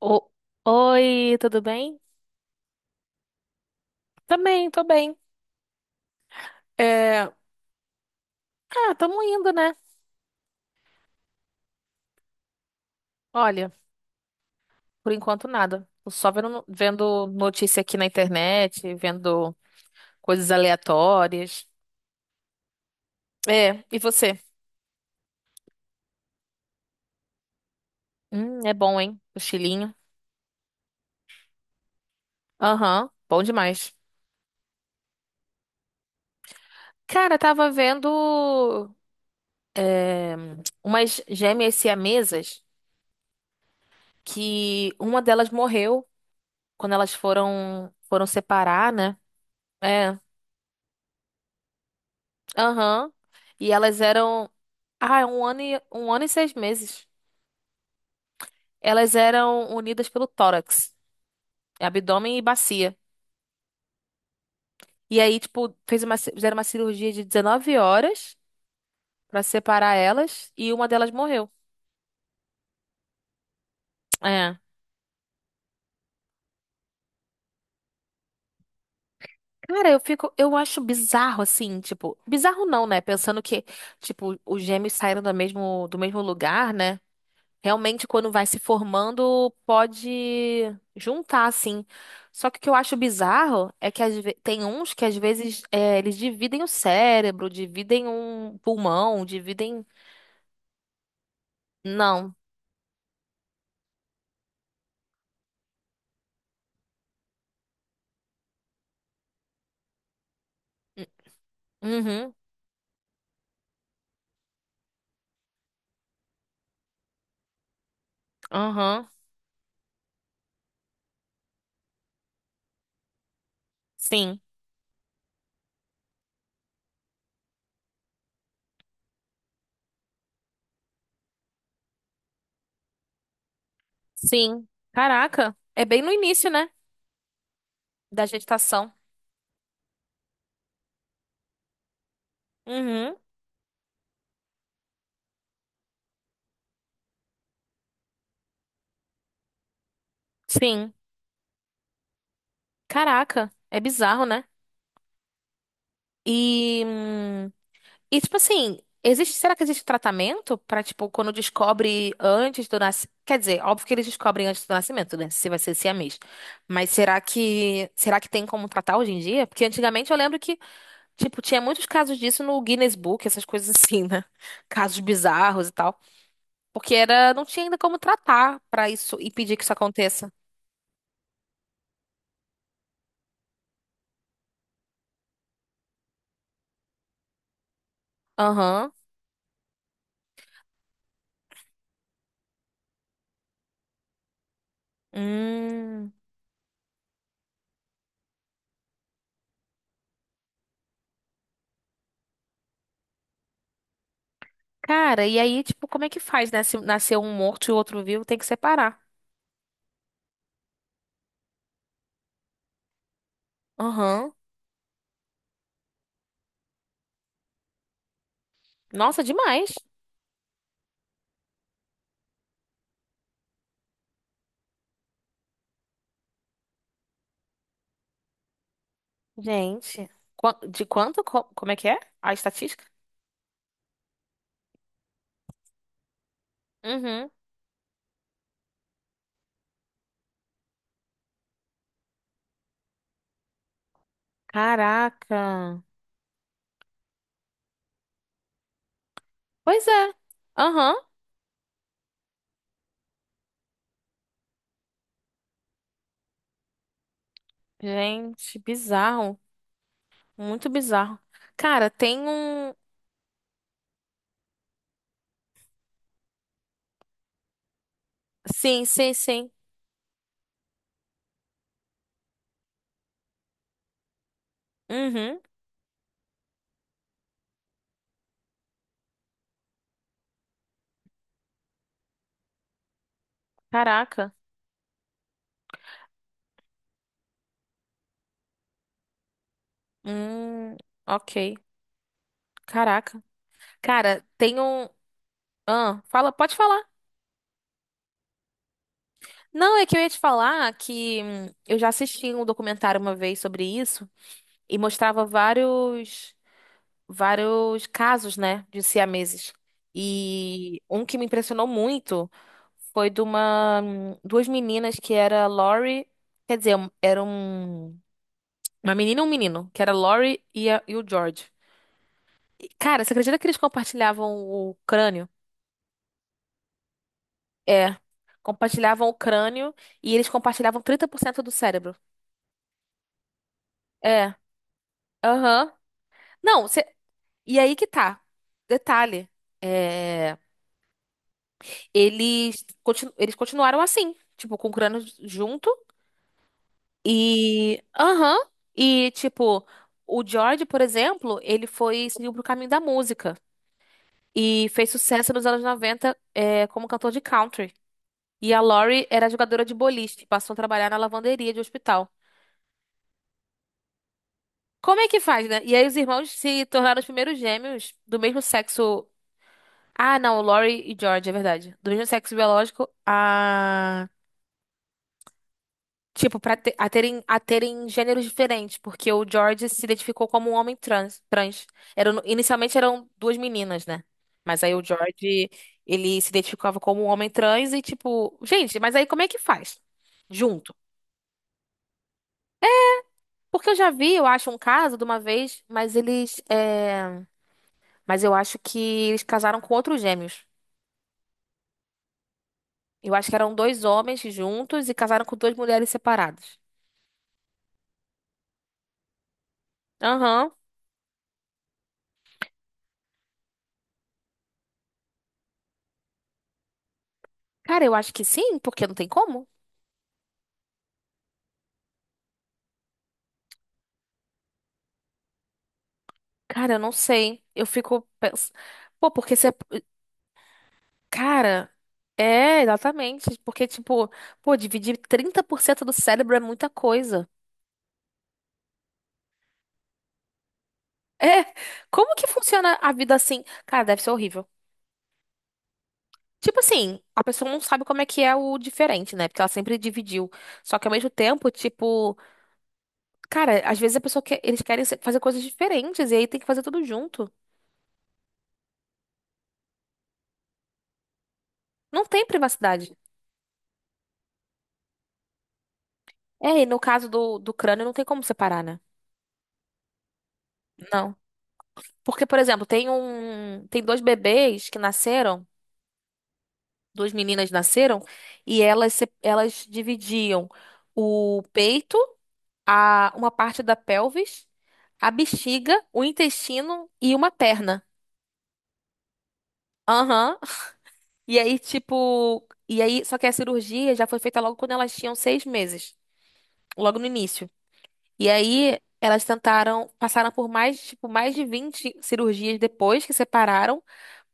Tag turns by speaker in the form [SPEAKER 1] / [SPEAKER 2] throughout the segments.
[SPEAKER 1] O- Oi, tudo bem? Também, tô bem. É... Ah, tamo indo, né? Olha, por enquanto nada. Tô só vendo notícia aqui na internet, vendo coisas aleatórias. É, e você? É bom, hein? O chilinho. Aham, bom demais. Cara, tava vendo é, umas gêmeas siamesas que uma delas morreu quando elas foram separar, né? É. Aham. E elas eram. Ah, é 1 ano e 6 meses. Elas eram unidas pelo tórax, abdômen e bacia. E aí, tipo, fizeram uma cirurgia de 19 horas pra separar elas e uma delas morreu. É. Cara, eu acho bizarro assim, tipo, bizarro não, né? Pensando que, tipo, os gêmeos saíram do mesmo lugar, né? Realmente, quando vai se formando, pode juntar, assim. Só que o que eu acho bizarro é que tem uns que às vezes, eles dividem o cérebro, dividem um pulmão, dividem. Não. Hum, Uhum, aham. Sim, sim. Caraca, é bem no início, né? Da gestação. Uhum, sim. Caraca, é bizarro, né? E. hum, E tipo assim, será que existe tratamento pra tipo quando descobre antes do nascimento? Quer dizer, óbvio que eles descobrem antes do nascimento, né? Se vai ser siamês. Mas será que tem como tratar hoje em dia? Porque antigamente eu lembro que tipo tinha muitos casos disso no Guinness Book, essas coisas assim, né? Casos bizarros e tal, porque era não tinha ainda como tratar pra isso e pedir que isso aconteça. Aham. Hum. Cara, e aí tipo como é que faz, né? Se nascer um morto e o outro vivo, tem que separar. Aham. Nossa, demais. Gente, de quanto? Como é que é? A estatística? Uhum. Caraca. Pois é. Aham. Gente, bizarro. Muito bizarro. Cara, tem um. Sim, sim, sim. Uhum. Caraca. Hum, ok. Caraca. Cara, tem um. Ah, fala, pode falar. Não, é que eu ia te falar que eu já assisti um documentário uma vez sobre isso e mostrava vários casos, né, de siameses. E um que me impressionou muito foi de uma duas meninas que era Lori, quer dizer, era uma menina e um menino, que era Lori e o George. E, cara, você acredita que eles compartilhavam o crânio? É. Compartilhavam o crânio e eles compartilhavam 30% do cérebro. É. Aham. Não, e aí que tá. Detalhe. É. Eles continuaram assim, tipo, com o Cronos junto. Aham. E, tipo, o George, por exemplo, ele foi seguiu pro caminho da música. E fez sucesso nos anos noventa, como cantor de country. E a Lori era jogadora de boliche, passou a trabalhar na lavanderia de hospital. Como é que faz, né? E aí os irmãos se tornaram os primeiros gêmeos do mesmo sexo. Ah, não, Lori e George, é verdade. Do mesmo sexo biológico, tipo, a terem gêneros diferentes, porque o George se identificou como um homem trans. Inicialmente eram duas meninas, né? Mas aí o George, ele se identificava como um homem trans e tipo, gente, mas aí como é que faz? Junto. Porque eu já vi, eu acho, um caso de uma vez, mas eu acho que eles casaram com outros gêmeos. Eu acho que eram dois homens juntos e casaram com duas mulheres separadas. Aham. Cara, eu acho que sim, porque não tem como. Cara, eu não sei. Eu fico. Pô, porque você. Cara, é, exatamente. Porque, tipo, pô, dividir 30% do cérebro é muita coisa. É. Como que funciona a vida assim? Cara, deve ser horrível. Tipo assim, a pessoa não sabe como é que é o diferente, né? Porque ela sempre dividiu. Só que ao mesmo tempo, tipo, cara, às vezes eles querem fazer coisas diferentes e aí tem que fazer tudo junto. Não tem privacidade. É, e no caso do crânio não tem como separar, né? Não. Porque, por exemplo, tem dois bebês que nasceram, duas meninas nasceram, e elas, se- elas dividiam o peito, uma parte da pelvis, a bexiga, o intestino e uma perna. Aham. E aí, tipo, só que a cirurgia já foi feita logo quando elas tinham 6 meses, logo no início. E aí, elas tentaram, passaram por mais de 20 cirurgias depois que separaram.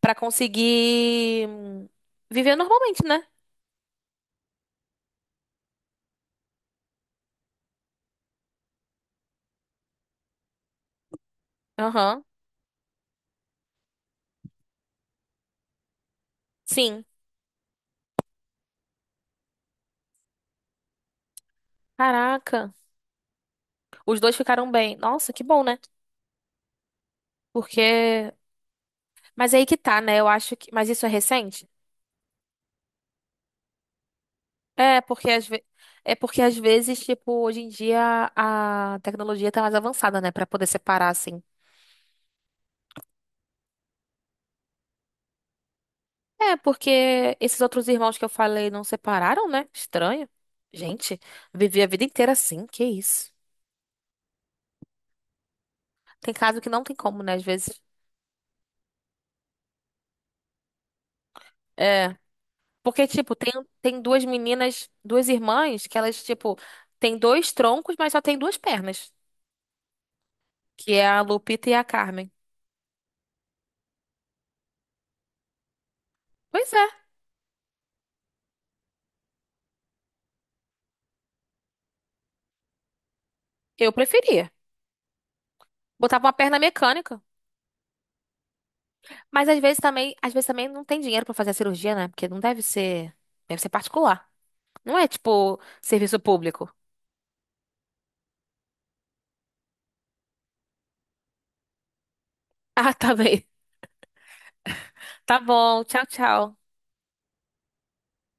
[SPEAKER 1] Pra conseguir viver normalmente, né? Aham. Sim. Caraca. Os dois ficaram bem. Nossa, que bom, né? Porque. Mas aí que tá, né? Eu acho que. Mas isso é recente? É, porque às ve... é porque às vezes, tipo, hoje em dia a tecnologia tá mais avançada, né? Pra poder separar, assim. É, porque esses outros irmãos que eu falei não separaram, né? Estranho. Gente, vivi a vida inteira assim, que isso. Tem caso que não tem como, né? Às vezes. É. Porque, tipo, tem duas meninas, duas irmãs, que elas, tipo, tem dois troncos, mas só tem duas pernas. Que é a Lupita e a Carmen. Pois é, eu preferia. Botava uma perna mecânica. Mas às vezes também, não tem dinheiro pra fazer a cirurgia, né? Porque não deve ser, deve ser particular. Não é, tipo, serviço público. Ah, tá bem. Tá bom. Tchau, tchau.